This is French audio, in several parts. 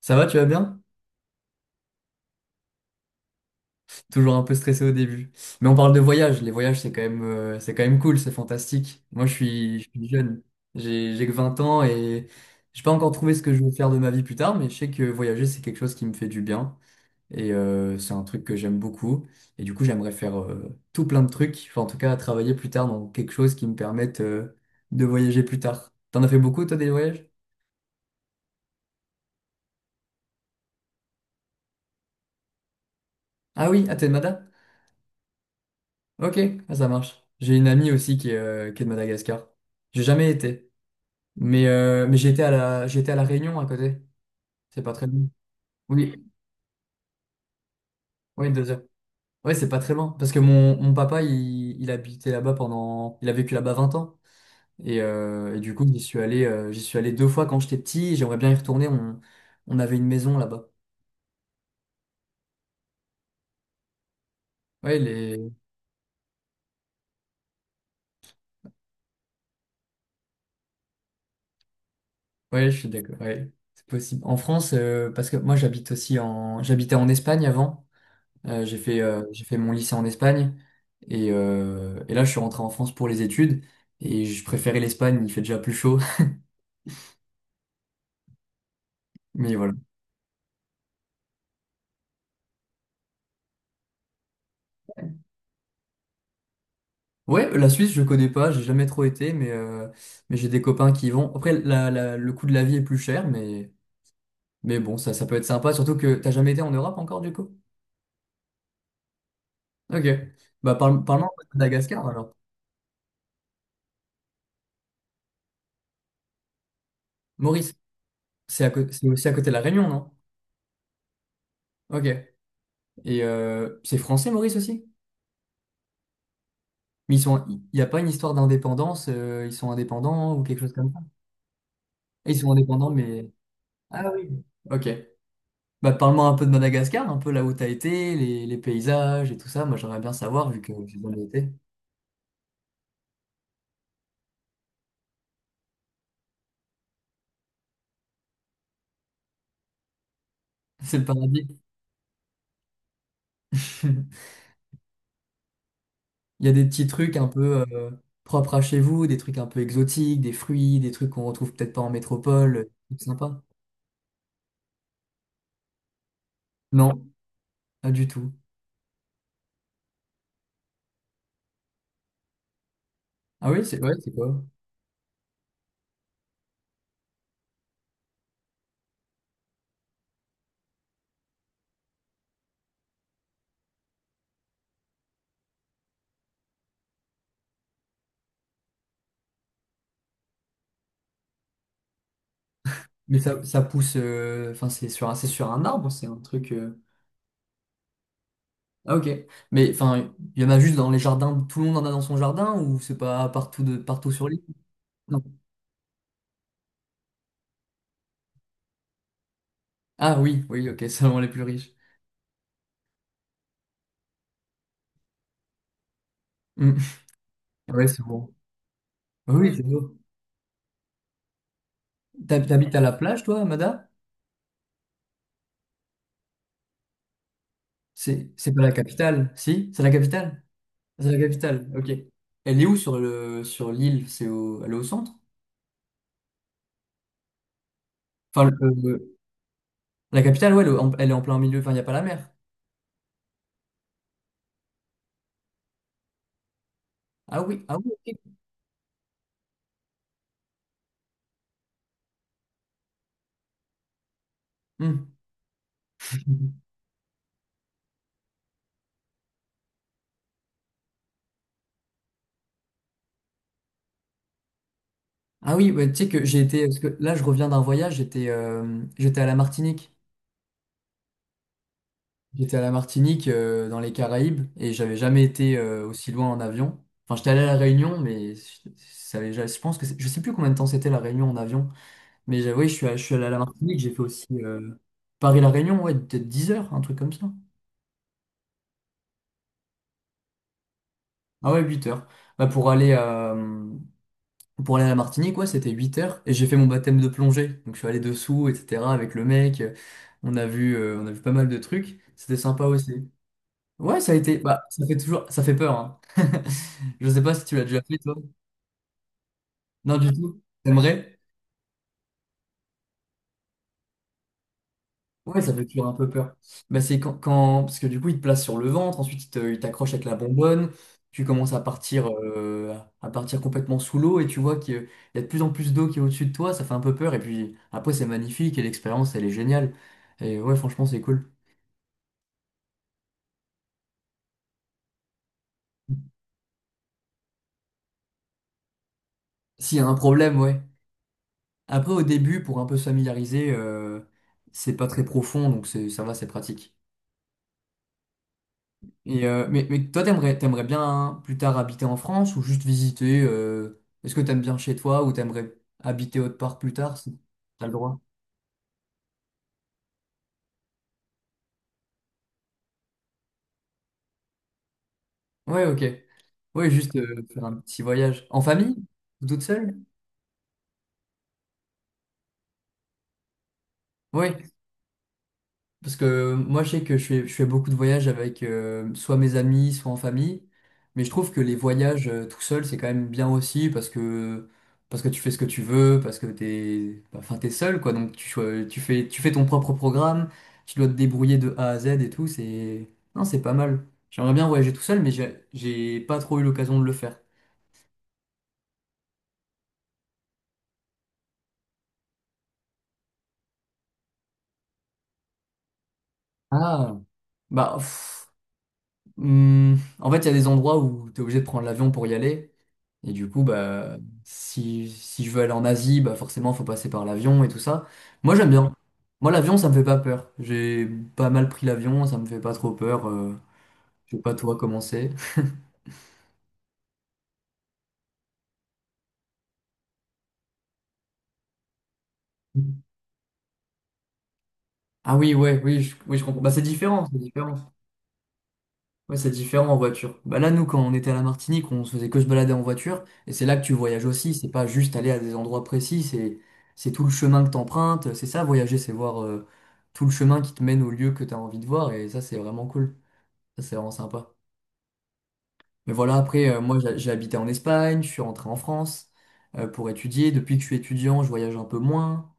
Ça va, tu vas bien? Toujours un peu stressé au début. Mais on parle de voyage. Les voyages, c'est quand même cool, c'est fantastique. Moi, je suis jeune. J'ai que 20 ans et j'ai pas encore trouvé ce que je veux faire de ma vie plus tard, mais je sais que voyager, c'est quelque chose qui me fait du bien. Et c'est un truc que j'aime beaucoup. Et du coup, j'aimerais faire tout plein de trucs. Enfin, en tout cas, travailler plus tard dans quelque chose qui me permette de voyager plus tard. T'en as fait beaucoup, toi, des voyages? Ah oui, à Mada? Ok, ah, ça marche. J'ai une amie aussi qui est de Madagascar. J'ai jamais été. Mais j'étais à La Réunion à côté. C'est pas très loin. Oui, oui, 2 heures. Oui, c'est pas très loin. Parce que mon papa, il habitait là-bas pendant. Il a vécu là-bas 20 ans. Et du coup, j'y suis allé deux fois quand j'étais petit. J'aimerais bien y retourner. On avait une maison là-bas. Ouais, ouais, je suis d'accord. Ouais, c'est possible. En France, parce que moi, j'habite aussi en. j'habitais en Espagne avant. J'ai fait mon lycée en Espagne et là je suis rentré en France pour les études et je préférais l'Espagne, il fait déjà plus chaud. Mais voilà. Ouais, la Suisse je connais pas, j'ai jamais trop été, mais j'ai des copains qui y vont. Après le coût de la vie est plus cher, mais bon, ça peut être sympa, surtout que t'as jamais été en Europe encore du coup? Ok. Bah parle, parle de Madagascar alors. Maurice, c'est aussi à côté de la Réunion, non? Ok. Et c'est français Maurice aussi? Mais ils sont, il n'y a pas une histoire d'indépendance, ils sont indépendants ou quelque chose comme ça. Et ils sont indépendants, mais... Ah oui. Ok. Bah, parle-moi un peu de Madagascar, un peu là où t'as été, les paysages et tout ça. Moi, j'aimerais bien savoir, vu que j'ai jamais été. C'est le paradis. Il y a des petits trucs un peu propres à chez vous, des trucs un peu exotiques, des fruits, des trucs qu'on retrouve peut-être pas en métropole. C'est sympa. Non, pas du tout. Ah oui, c'est ouais, c'est quoi? Mais ça pousse, enfin, c'est sur un arbre, c'est un truc. Ah ok. Mais enfin, il y en a juste dans les jardins, tout le monde en a dans son jardin ou c'est pas partout de partout sur l'île? Non. Ah oui, oui, ok, seulement les plus riches. Hmm. Ouais, c'est bon. Oui, oui, c'est beau. T'habites à la plage, toi, Amada? C'est pas la capitale, si? C'est la capitale? Ah, c'est la capitale, ok. Elle est où sur l'île? C'est au... Elle est au centre? Enfin, la capitale, ouais, elle est en plein milieu, enfin, il n'y a pas la mer. Ah oui, ah oui, ok. Hmm. Ah oui, ouais, tu sais que j'ai été, parce que là je reviens d'un voyage, j'étais à la Martinique. J'étais à la Martinique, dans les Caraïbes, et j'avais jamais été aussi loin en avion. Enfin, j'étais allé à la Réunion, mais je, ça avait- ja-, je pense que je sais plus combien de temps c'était la Réunion en avion. Mais j'avoue, je suis allé à la Martinique, j'ai fait aussi Paris-La Réunion, ouais, peut-être 10 heures, un truc comme ça. Ah ouais, 8 heures. Bah, pour aller à la Martinique, ouais, c'était 8 heures, et j'ai fait mon baptême de plongée. Donc je suis allé dessous, etc., avec le mec. On a vu pas mal de trucs. C'était sympa aussi. Ouais, ça a été. Bah, ça fait toujours. Ça fait peur, hein. Je sais pas si tu l'as déjà fait, toi. Non, du tout. T'aimerais? Ouais, ça fait toujours un peu peur. Bah, c'est Parce que du coup, il te place sur le ventre, ensuite, il t'accroche avec la bonbonne. Tu commences à partir complètement sous l'eau et tu vois qu'il y a de plus en plus d'eau qui est au-dessus de toi. Ça fait un peu peur. Et puis après, c'est magnifique et l'expérience, elle est géniale. Et ouais, franchement, c'est cool. S'il y a un problème, ouais. Après, au début, pour un peu se familiariser, c'est pas très profond, donc ça va, c'est pratique. Et, mais toi, t'aimerais bien plus tard habiter en France ou juste visiter est-ce que t'aimes bien chez toi ou t'aimerais habiter autre part plus tard si t'as le droit? Ouais, ok. Ouais, juste faire un petit voyage. En famille? Ou toute seule? Oui. Parce que moi, je sais que je fais beaucoup de voyages avec soit mes amis, soit en famille. Mais je trouve que les voyages tout seul, c'est quand même bien aussi, parce que tu fais ce que tu veux, parce que t'es, bah, enfin, t'es seul, quoi. Donc, tu fais ton propre programme, tu dois te débrouiller de A à Z et tout. C'est, non, c'est pas mal. J'aimerais bien voyager tout seul, mais j'ai pas trop eu l'occasion de le faire. Ah, bah, pff, en fait, il y a des endroits où tu es obligé de prendre l'avion pour y aller. Et du coup, bah, si je veux aller en Asie, bah forcément, faut passer par l'avion et tout ça. Moi, j'aime bien. Moi, l'avion, ça me fait pas peur. J'ai pas mal pris l'avion, ça me fait pas trop peur. Je sais pas toi comment c'est. Ah oui, ouais, oui, oui, je comprends. Bah, c'est différent, c'est différent. Ouais, c'est différent en voiture. Bah là, nous, quand on était à la Martinique, on se faisait que se balader en voiture. Et c'est là que tu voyages aussi. C'est pas juste aller à des endroits précis. C'est tout le chemin que t'empruntes. C'est ça, voyager, c'est voir tout le chemin qui te mène au lieu que t'as envie de voir. Et ça, c'est vraiment cool. Ça, c'est vraiment sympa. Mais voilà, après, moi, j'ai habité en Espagne. Je suis rentré en France pour étudier. Depuis que je suis étudiant, je voyage un peu moins.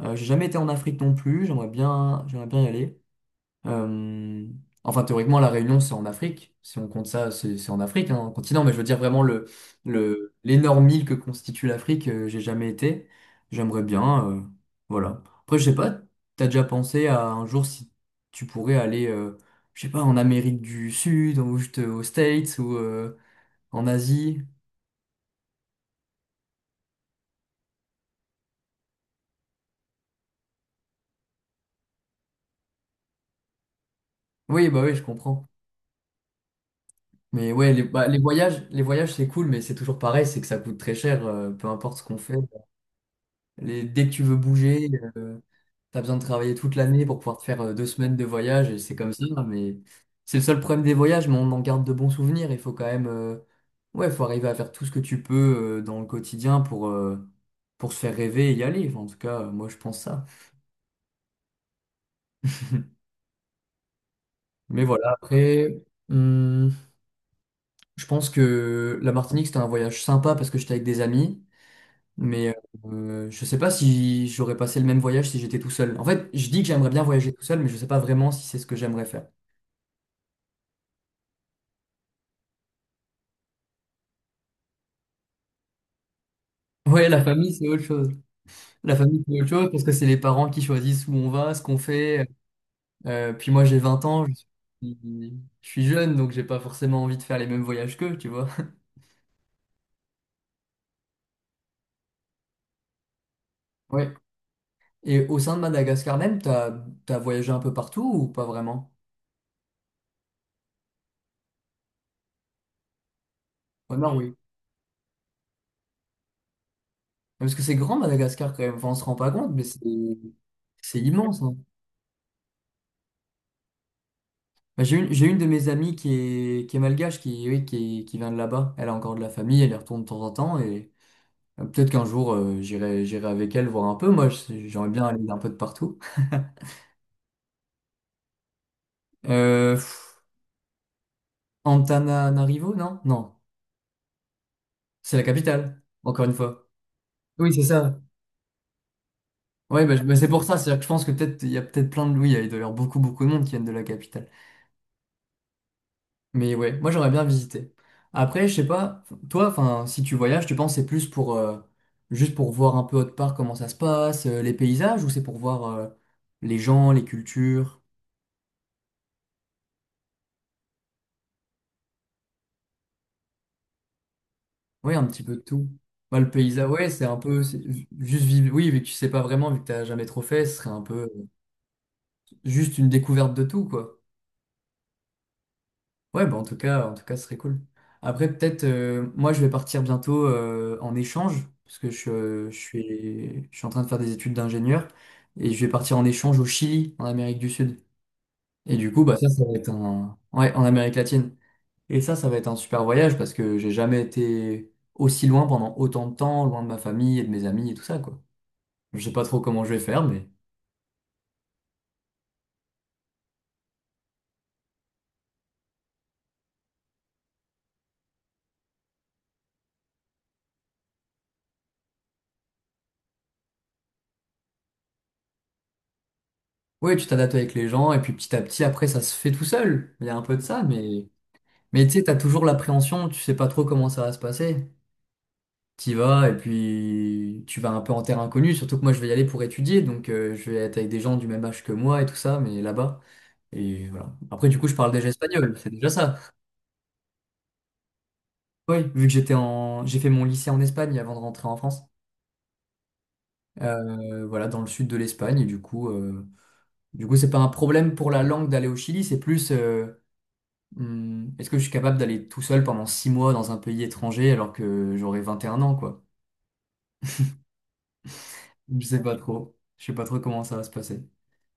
J'ai jamais été en Afrique non plus. J'aimerais bien y aller. Euh, enfin, théoriquement, la Réunion, c'est en Afrique. Si on compte ça, c'est en Afrique, hein, en continent. Mais je veux dire vraiment l'énorme île que constitue l'Afrique, j'ai jamais été. J'aimerais bien. Voilà. Après, je sais pas, t'as déjà pensé à un jour si tu pourrais aller, je sais pas, en Amérique du Sud, ou juste aux States, ou en Asie. Oui, bah oui, je comprends. Mais ouais, les voyages, c'est cool, mais c'est toujours pareil, c'est que ça coûte très cher, peu importe ce qu'on fait. Les- dès que tu veux bouger. euh, T'as besoin de travailler toute l'année pour pouvoir te faire 2 semaines de voyage, et c'est comme ça, mais c'est le seul problème des voyages, mais on en garde de bons souvenirs. Il faut quand même, ouais, faut arriver à faire tout ce que tu peux dans le quotidien pour se faire rêver et y aller. Enfin, en tout cas, moi, je pense ça. Mais voilà, après, hum, je pense que la Martinique, c'était un voyage sympa parce que j'étais avec des amis, mais je sais pas si j'aurais passé le même voyage si j'étais tout seul. En fait, je dis que j'aimerais bien voyager tout seul, mais je sais pas vraiment si c'est ce que j'aimerais faire. Ouais, la famille, c'est autre chose. La famille, c'est autre chose parce que c'est les parents qui choisissent où on va, ce qu'on fait. Puis moi, j'ai 20 ans, suis, je suis jeune, donc j'ai pas forcément envie de faire les mêmes voyages qu'eux, tu vois. Ouais. Et au sein de Madagascar même, t'as voyagé un peu partout ou pas vraiment? Au nord, oui. Parce que c'est grand Madagascar quand même, enfin, on se rend pas compte, mais c'est immense, hein. Bah, j'ai une de mes amies qui est malgache, oui, qui vient de là-bas. Elle a encore de la famille, elle y retourne de temps en temps et peut-être qu'un jour, j'irai avec elle voir un peu. Moi, j'aimerais bien aller un peu de partout. Pff, Antananarivo, non? Non. C'est la capitale, encore une fois. Oui, c'est ça. Ouais, bah, bah, c'est pour ça. C'est-à-dire que je pense que peut-être il y a peut-être plein de. Oui, il doit y avoir beaucoup, beaucoup de monde qui viennent de la capitale. Mais ouais, moi j'aimerais bien visiter. Après, je sais pas, toi, enfin, si tu voyages, tu penses que c'est plus pour juste pour voir un peu autre part comment ça se passe, les paysages, ou c'est pour voir les gens, les cultures? Oui, un petit peu de tout. Bah, le paysage, ouais, c'est un peu juste vivre. Oui, vu que tu sais pas vraiment, vu que t'as jamais trop fait, ce serait un peu. Juste une découverte de tout, quoi. Ouais, bah en tout cas, ce serait cool. Après, peut-être, moi, je vais partir bientôt en échange, parce que je suis en train de faire des études d'ingénieur, et je vais partir en échange au Chili, en Amérique du Sud. Et du coup, bah ça va être un... Ouais, en Amérique latine. Et ça va être un super voyage, parce que j'ai jamais été aussi loin pendant autant de temps, loin de ma famille et de mes amis et tout ça, quoi. Je sais pas trop comment je vais faire, mais... Ouais, tu t'adaptes avec les gens, et puis petit à petit, après, ça se fait tout seul. Il y a un peu de ça, mais... Mais tu sais, t'as toujours l'appréhension, tu sais pas trop comment ça va se passer. T'y vas et puis tu vas un peu en terre inconnue, surtout que moi je vais y aller pour étudier, donc je vais être avec des gens du même âge que moi et tout ça, mais là-bas. Et voilà. Après, du coup, je parle déjà espagnol, c'est déjà ça. Oui, vu que j'ai fait mon lycée en Espagne avant de rentrer en France. Voilà, dans le sud de l'Espagne, et du coup, c'est pas un problème pour la langue d'aller au Chili, c'est plus est-ce que je suis capable d'aller tout seul pendant 6 mois dans un pays étranger alors que j'aurai 21 ans, quoi. Je sais pas trop. Je sais pas trop comment ça va se passer.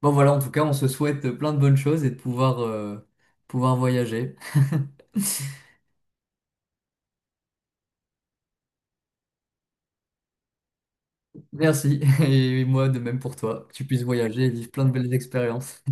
Bon voilà, en tout cas, on se souhaite plein de bonnes choses et de pouvoir, pouvoir voyager. Merci. Et moi, de même pour toi, que tu puisses voyager et vivre plein de belles expériences.